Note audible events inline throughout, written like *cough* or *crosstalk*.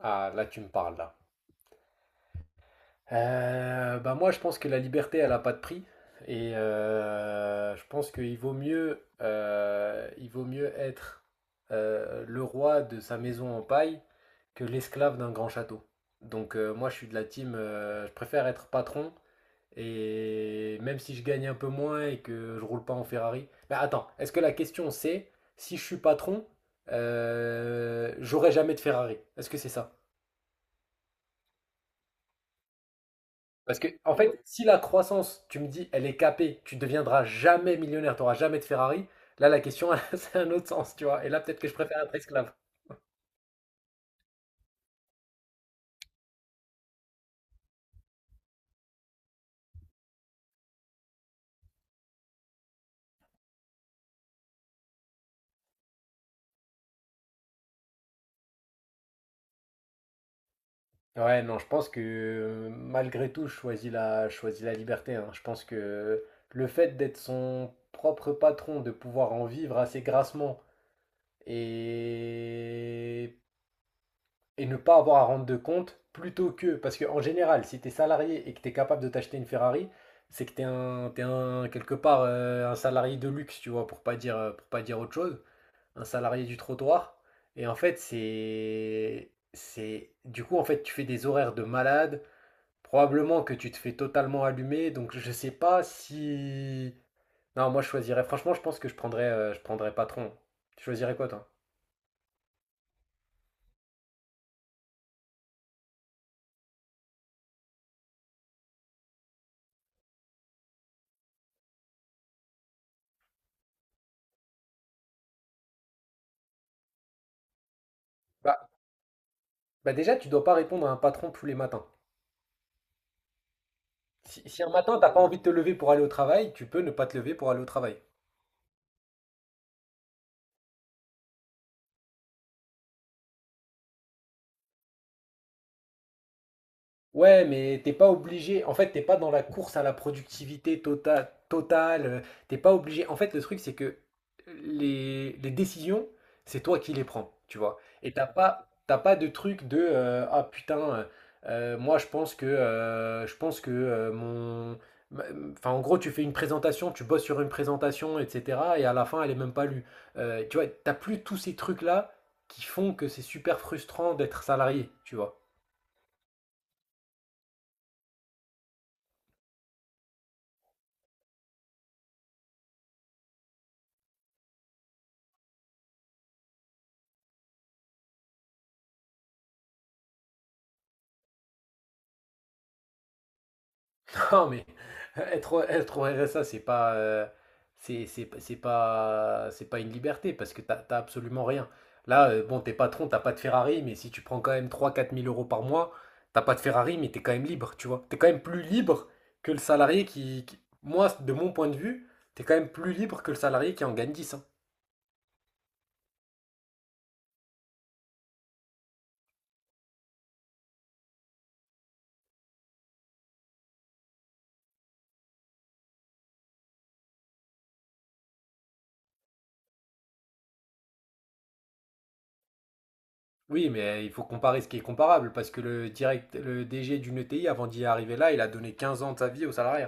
Ah, là, tu me parles, là. Bah moi, je pense que la liberté, elle n'a pas de prix. Et je pense qu'il vaut mieux, être le roi de sa maison en paille que l'esclave d'un grand château. Donc moi, je suis de la team, je préfère être patron. Et même si je gagne un peu moins et que je roule pas en Ferrari. Mais attends, est-ce que la question c'est si je suis patron, j'aurai jamais de Ferrari? Est-ce que c'est ça? Parce que, en fait, si la croissance, tu me dis, elle est capée, tu ne deviendras jamais millionnaire, tu n'auras jamais de Ferrari, là, la question, *laughs* c'est un autre sens, tu vois. Et là, peut-être que je préfère être esclave. Ouais, non, je pense que malgré tout, je choisis la liberté. Hein. Je pense que le fait d'être son propre patron, de pouvoir en vivre assez grassement et et ne pas avoir à rendre de compte plutôt que. Parce qu'en général, si tu es salarié et que tu es capable de t'acheter une Ferrari, c'est que tu es, un, quelque part un salarié de luxe, tu vois, pour pas dire autre chose, un salarié du trottoir. Et en fait, c'est. C'est du coup, en fait, tu fais des horaires de malade. Probablement que tu te fais totalement allumer. Donc, je sais pas si. Non, moi, je choisirais. Franchement, je pense que je prendrais patron. Tu choisirais quoi, toi? Bah, bah déjà, tu dois pas répondre à un patron tous les matins. Si un matin, t'as pas envie de te lever pour aller au travail, tu peux ne pas te lever pour aller au travail. Ouais, mais t'es pas obligé. En fait, t'es pas dans la course à la productivité totale. T'es pas obligé. En fait, le truc, c'est que les décisions, c'est toi qui les prends, tu vois. Et t'as pas de truc de ah putain, moi je pense que ma- enfin, en gros, tu fais une présentation, tu bosses sur une présentation, etc. Et à la fin, elle est même pas lue. Tu vois, t'as plus tous ces trucs-là qui font que c'est super frustrant d'être salarié, tu vois. Non, mais *laughs* être au RSA, c'est pas une liberté parce que t'as absolument rien. Là, bon, t'es patron, t'as pas de Ferrari, mais si tu prends quand même trois quatre mille euros par mois, t'as pas de Ferrari, mais t'es quand même libre, tu vois. T'es quand même plus libre que le salarié qui, moi, de mon point de vue, t'es quand même plus libre que le salarié qui en gagne dix. Hein. Oui, mais il faut comparer ce qui est comparable parce que le DG d'une ETI, avant d'y arriver là, il a donné 15 ans de sa vie au salarié.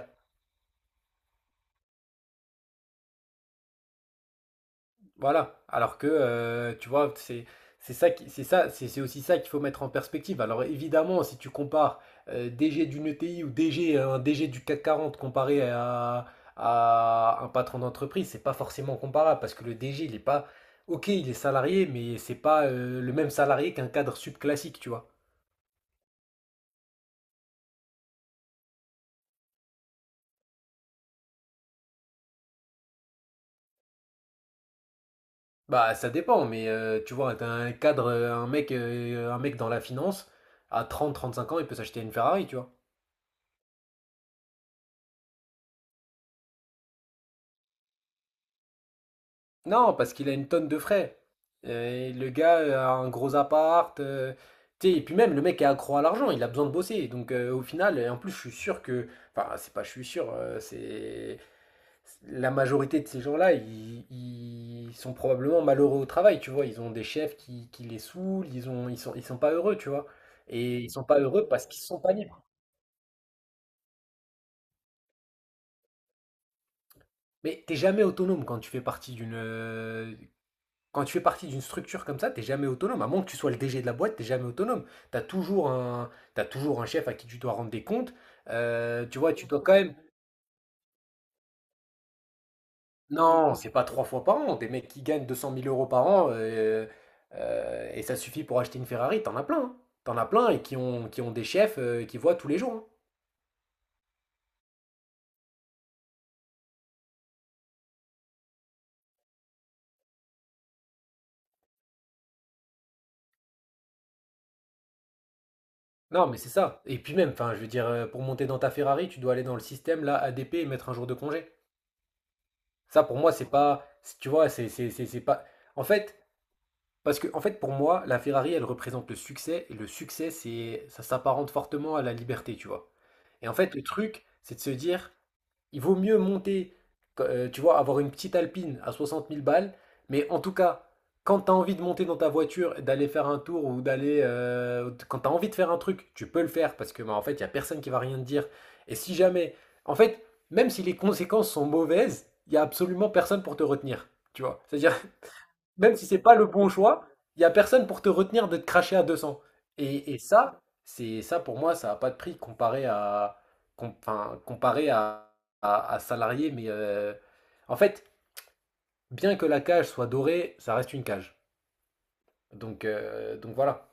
Voilà. Alors que, tu vois, c'est ça, c'est aussi ça qu'il faut mettre en perspective. Alors évidemment, si tu compares DG d'une ETI ou DG un DG du CAC 40 comparé à un patron d'entreprise, c'est pas forcément comparable parce que le DG, il est pas OK, il est salarié, mais c'est pas le même salarié qu'un cadre subclassique, tu vois. Bah, ça dépend, mais tu vois, t'as un cadre, un mec dans la finance, à trente trente cinq ans, il peut s'acheter une Ferrari, tu vois. Non, parce qu'il a une tonne de frais. Le gars a un gros appart. Tu sais, et puis même, le mec est accro à l'argent, il a besoin de bosser. Donc au final, et en plus, je suis sûr que. Enfin, c'est pas je suis sûr, c'est. La majorité de ces gens-là, ils sont probablement malheureux au travail, tu vois. Ils ont des chefs qui les saoulent, ils sont pas heureux, tu vois. Et ils sont pas heureux parce qu'ils sont pas libres. Mais t'es jamais autonome quand tu fais partie d'une structure comme ça, t'es jamais autonome. À moins que tu sois le DG de la boîte, t'es jamais autonome. T'as toujours un chef à qui tu dois rendre des comptes. Tu vois, tu dois quand même. Non, c'est pas trois fois par an. Des mecs qui gagnent 200 000 euros par an et ça suffit pour acheter une Ferrari, t'en as plein. Hein. T'en as plein et qui ont des chefs qui voient tous les jours. Hein. Non, mais c'est ça. Et puis même, enfin, je veux dire, pour monter dans ta Ferrari, tu dois aller dans le système là, ADP et mettre un jour de congé. Ça, pour moi, c'est pas, tu vois, c'est pas. En fait, Parce que, en fait, pour moi, la Ferrari, elle représente le succès, et le succès, ça s'apparente fortement à la liberté, tu vois. Et en fait, le truc, c'est de se dire, il vaut mieux monter, tu vois, avoir une petite Alpine à 60 000 balles, mais en tout cas, quand tu as envie de monter dans ta voiture, et d'aller faire un tour quand tu as envie de faire un truc, tu peux le faire parce que, bah, en fait, il y a personne qui va rien te dire. Et si jamais, en fait, même si les conséquences sont mauvaises, il y a absolument personne pour te retenir, tu vois. C'est-à-dire même si c'est pas le bon choix, il y a personne pour te retenir de te cracher à 200. Et ça, c'est ça pour moi, ça a pas de prix comparé à comparé à salarié. Mais en fait, bien que la cage soit dorée, ça reste une cage. Donc voilà.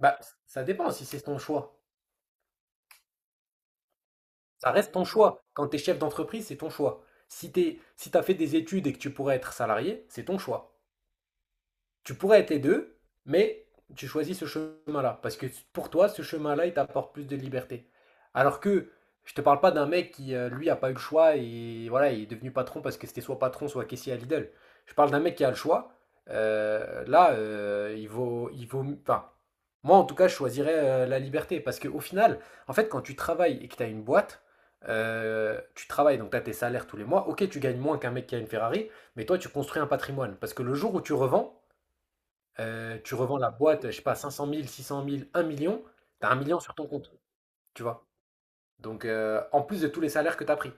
Bah ça dépend si c'est ton choix. Ça reste ton choix. Quand t'es chef d'entreprise, c'est ton choix. Si t'as fait des études et que tu pourrais être salarié, c'est ton choix. Tu pourrais être les deux, mais tu choisis ce chemin-là. Parce que pour toi, ce chemin-là, il t'apporte plus de liberté. Alors que je te parle pas d'un mec qui, lui, a pas eu le choix et voilà, il est devenu patron parce que c'était soit patron, soit caissier à Lidl. Je parle d'un mec qui a le choix. Là, enfin, moi en tout cas, je choisirais la liberté parce qu'au final, en fait, quand tu travailles et que tu as une boîte, tu travailles donc tu as tes salaires tous les mois. Ok, tu gagnes moins qu'un mec qui a une Ferrari, mais toi, tu construis un patrimoine parce que le jour où tu revends la boîte, je sais pas, 500 000 600 000 un million, t'as un million sur ton compte, tu vois. Donc, en plus de tous les salaires que t'as pris.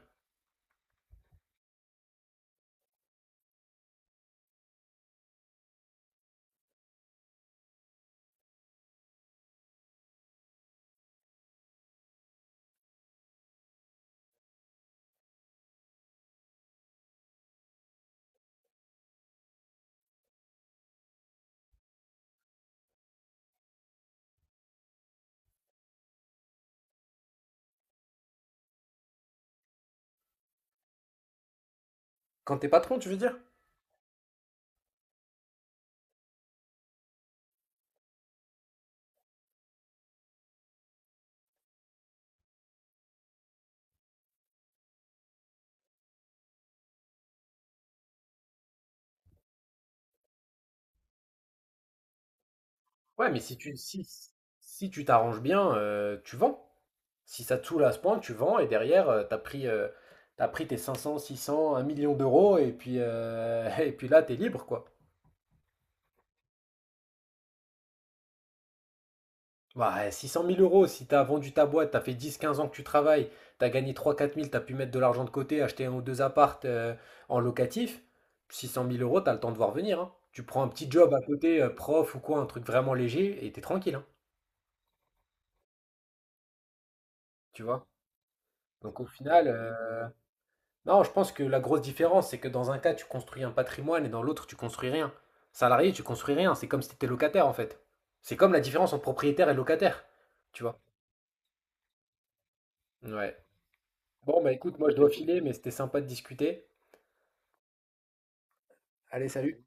Quand t'es patron, tu veux dire? Ouais, mais si tu t'arranges bien, tu vends. Si ça te saoule à ce point, tu vends et derrière, t'as pris tes cinq cents, six 600, un million d'euros *laughs* et puis là, t'es libre, quoi. Bah, 600 000 euros, si t'as vendu ta boîte, t'as fait 10-15 ans que tu travailles, t'as gagné 3-4 000, t'as pu mettre de l'argent de côté, acheter un ou deux appartes en locatif, 600 000 euros, t'as le temps de voir venir. Hein. Tu prends un petit job à côté, prof ou quoi, un truc vraiment léger, et t'es tranquille, hein, tu vois. Donc au final, non, je pense que la grosse différence, c'est que dans un cas, tu construis un patrimoine et dans l'autre, tu construis rien. Salarié, tu construis rien, c'est comme si t'étais locataire en fait. C'est comme la différence entre propriétaire et locataire, tu vois. Ouais. Bon, bah écoute, moi je dois filer, mais c'était sympa de discuter. Allez, salut!